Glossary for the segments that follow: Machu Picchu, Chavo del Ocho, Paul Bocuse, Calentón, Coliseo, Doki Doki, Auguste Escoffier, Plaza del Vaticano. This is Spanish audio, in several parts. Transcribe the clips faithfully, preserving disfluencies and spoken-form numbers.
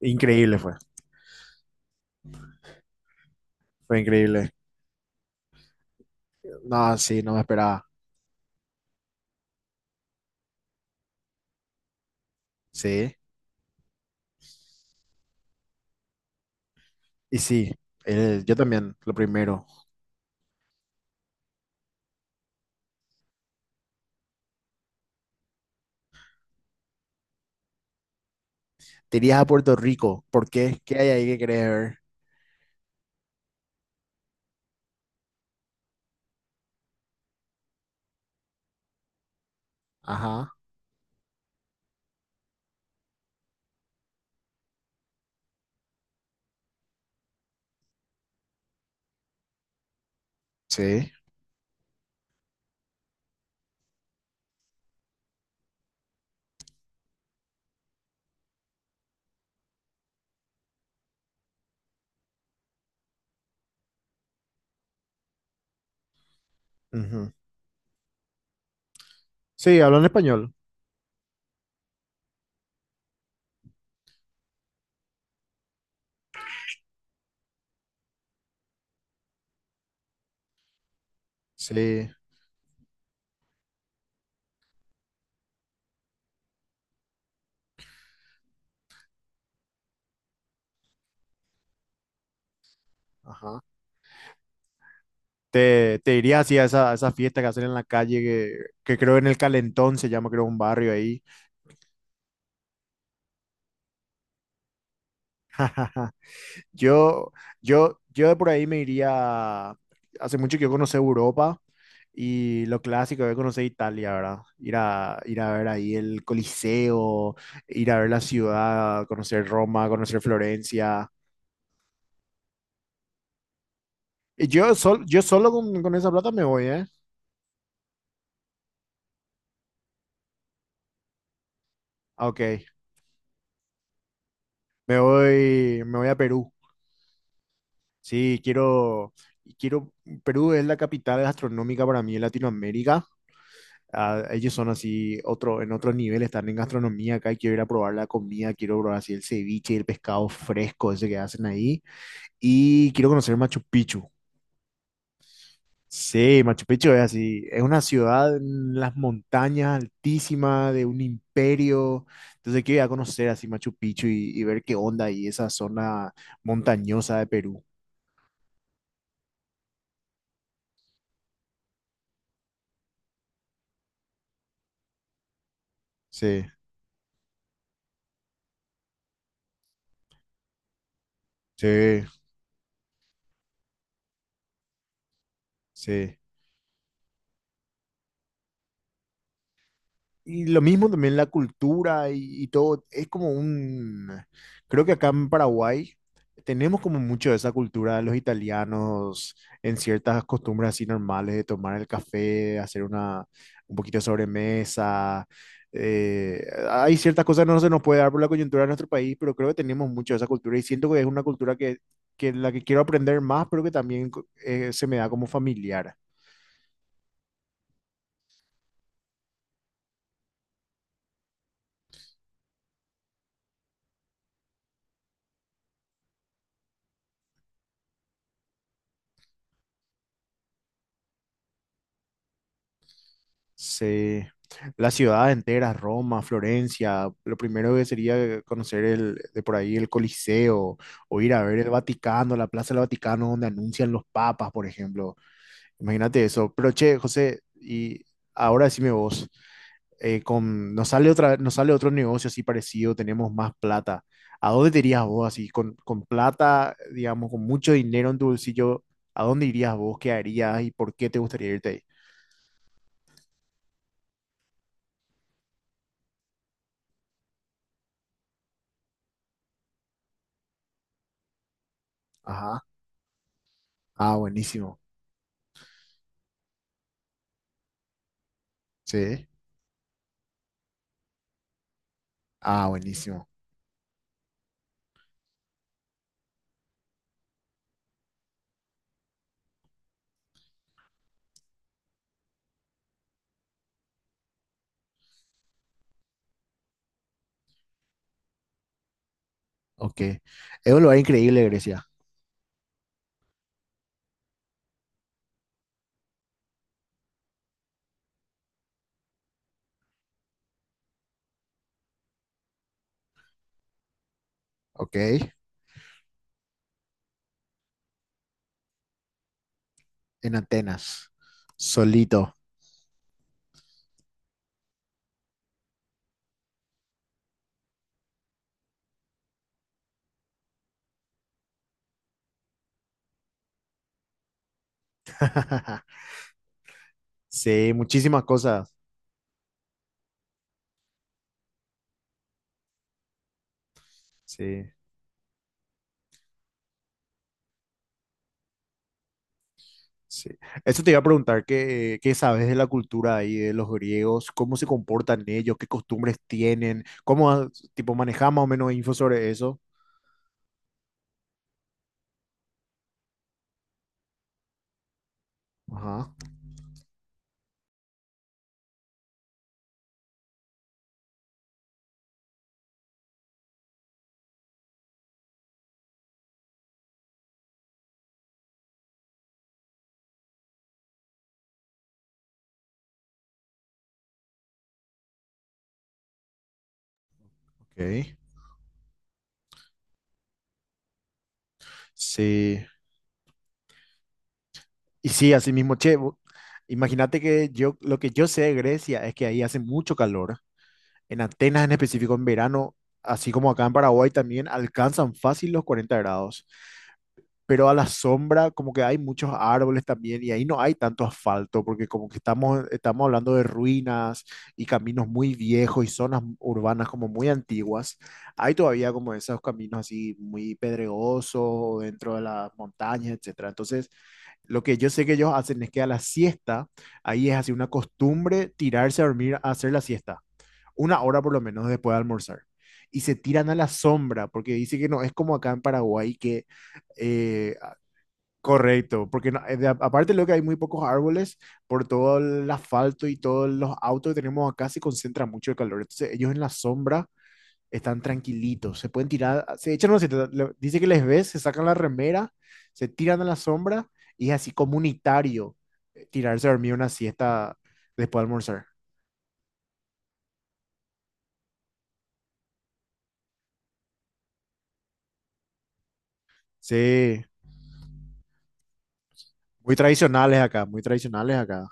Increíble fue, fue increíble. No, sí, no me esperaba. Sí, y sí, eh, yo también, lo primero. Te irías a Puerto Rico, ¿por qué? ¿Qué hay ahí que querés ver? Ajá, sí. Ujú. Sí, hablan español. Sí, ajá. Te, te irías así a esa, a esa fiesta que hacen en la calle, que, que creo en el Calentón se llama, creo, un barrio ahí. Yo, yo, yo de por ahí me iría. Hace mucho que yo conocí Europa y lo clásico, yo conocí Italia, ¿verdad? Ir a, ir a ver ahí el Coliseo, ir a ver la ciudad, conocer Roma, conocer Florencia. Y yo, sol- yo solo con, con esa plata me voy, ¿eh? Ah, ok, me voy, me voy a Perú. Sí, quiero, quiero. Perú es la capital gastronómica para mí en Latinoamérica. Ah, ellos son así, otro, en otro nivel, están en gastronomía acá y quiero ir a probar la comida, quiero probar así el ceviche, el pescado fresco ese que hacen ahí y quiero conocer Machu Picchu. Sí, Machu Picchu es así, es una ciudad en las montañas altísima de un imperio, entonces quiero ir a conocer así Machu Picchu y, y ver qué onda ahí esa zona montañosa de Perú. Sí, sí, sí. Y lo mismo también la cultura y, y todo, es como un, creo que acá en Paraguay tenemos como mucho de esa cultura de los italianos en ciertas costumbres así normales de tomar el café, hacer una, un poquito de sobremesa. eh, Hay ciertas cosas que no se nos puede dar por la coyuntura de nuestro país, pero creo que tenemos mucho de esa cultura y siento que es una cultura que, que la que quiero aprender más, pero que también co- eh, se me da como familiar. Sí, las ciudades enteras, Roma, Florencia, lo primero que sería conocer el, de por ahí el Coliseo o ir a ver el Vaticano, la Plaza del Vaticano donde anuncian los papas, por ejemplo. Imagínate eso. Pero che, José, y ahora decime vos, eh, con, nos sale otra, nos sale otro negocio así parecido, tenemos más plata. ¿A dónde te irías vos así, con, con plata, digamos, con mucho dinero en tu bolsillo? ¿A dónde irías vos? ¿Qué harías y por qué te gustaría irte ahí? Ajá. Ah, buenísimo. Sí. Ah, buenísimo. Ok. Es un lugar increíble, Grecia. Ok. En Atenas. Solito. Sí, muchísimas cosas. Sí, sí. Eso te iba a preguntar, ¿qué, qué sabes de la cultura ahí, de los griegos? ¿Cómo se comportan ellos? ¿Qué costumbres tienen? ¿Cómo, ah, tipo, manejas más o menos info sobre eso? Ajá. Ok. Sí. Y sí, así mismo, che, vo- imagínate que yo, lo que yo sé de Grecia es que ahí hace mucho calor. En Atenas en específico en verano, así como acá en Paraguay también, alcanzan fácil los cuarenta grados. Pero a la sombra como que hay muchos árboles también y ahí no hay tanto asfalto porque como que estamos, estamos hablando de ruinas y caminos muy viejos y zonas urbanas como muy antiguas. Hay todavía como esos caminos así muy pedregosos dentro de las montañas, etcétera. Entonces, lo que yo sé que ellos hacen es que a la siesta, ahí es así una costumbre tirarse a dormir a hacer la siesta una hora por lo menos después de almorzar. Y se tiran a la sombra, porque dice que no, es como acá en Paraguay, que eh, ah, correcto, porque no- eh, de- aparte de lo que hay muy pocos árboles, por todo el asfalto y todos los autos que tenemos acá se concentra mucho el calor. Entonces ellos en la sombra están tranquilitos, se pueden tirar, ah, se echan, no, se te- le- dice que les ves, se sacan la remera, se tiran a la sombra y es así comunitario eh, tirarse a dormir una siesta después de almorzar. Sí, muy tradicionales acá, muy tradicionales acá.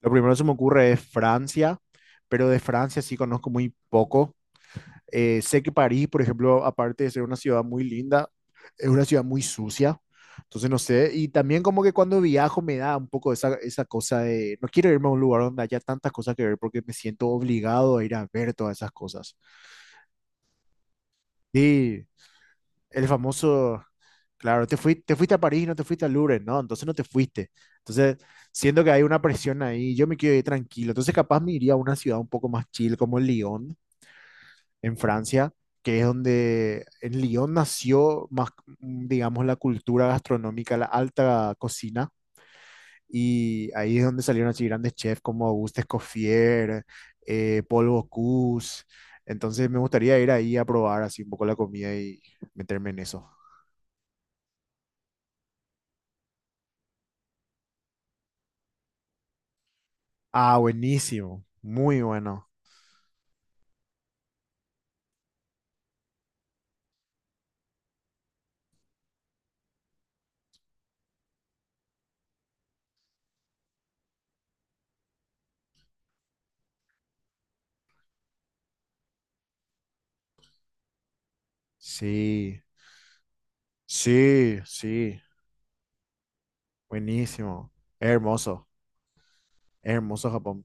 Lo primero que se me ocurre es Francia, pero de Francia sí conozco muy poco. Eh, sé que París, por ejemplo, aparte de ser una ciudad muy linda, es una ciudad muy sucia. Entonces no sé, y también como que cuando viajo me da un poco esa, esa cosa de, no quiero irme a un lugar donde haya tantas cosas que ver porque me siento obligado a ir a ver todas esas cosas. Sí, el famoso, claro, te fui- te fuiste a París, no te fuiste al Louvre, no, entonces no te fuiste. Entonces, siento que hay una presión ahí, yo me quiero ir tranquilo. Entonces, capaz me iría a una ciudad un poco más chill como Lyon, en Francia, que es donde en Lyon nació más, mm, digamos, la cultura gastronómica, la alta cocina. Y ahí es donde salieron así grandes chefs como Auguste Escoffier, eh, Paul Bocuse. Entonces me gustaría ir ahí a probar así un poco la comida y meterme en eso. Ah, buenísimo. Muy bueno. Sí, sí, sí. Buenísimo. Hermoso. Hermoso Japón.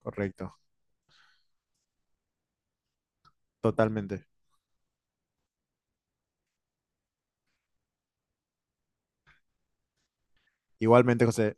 Correcto. Totalmente. Igualmente, José.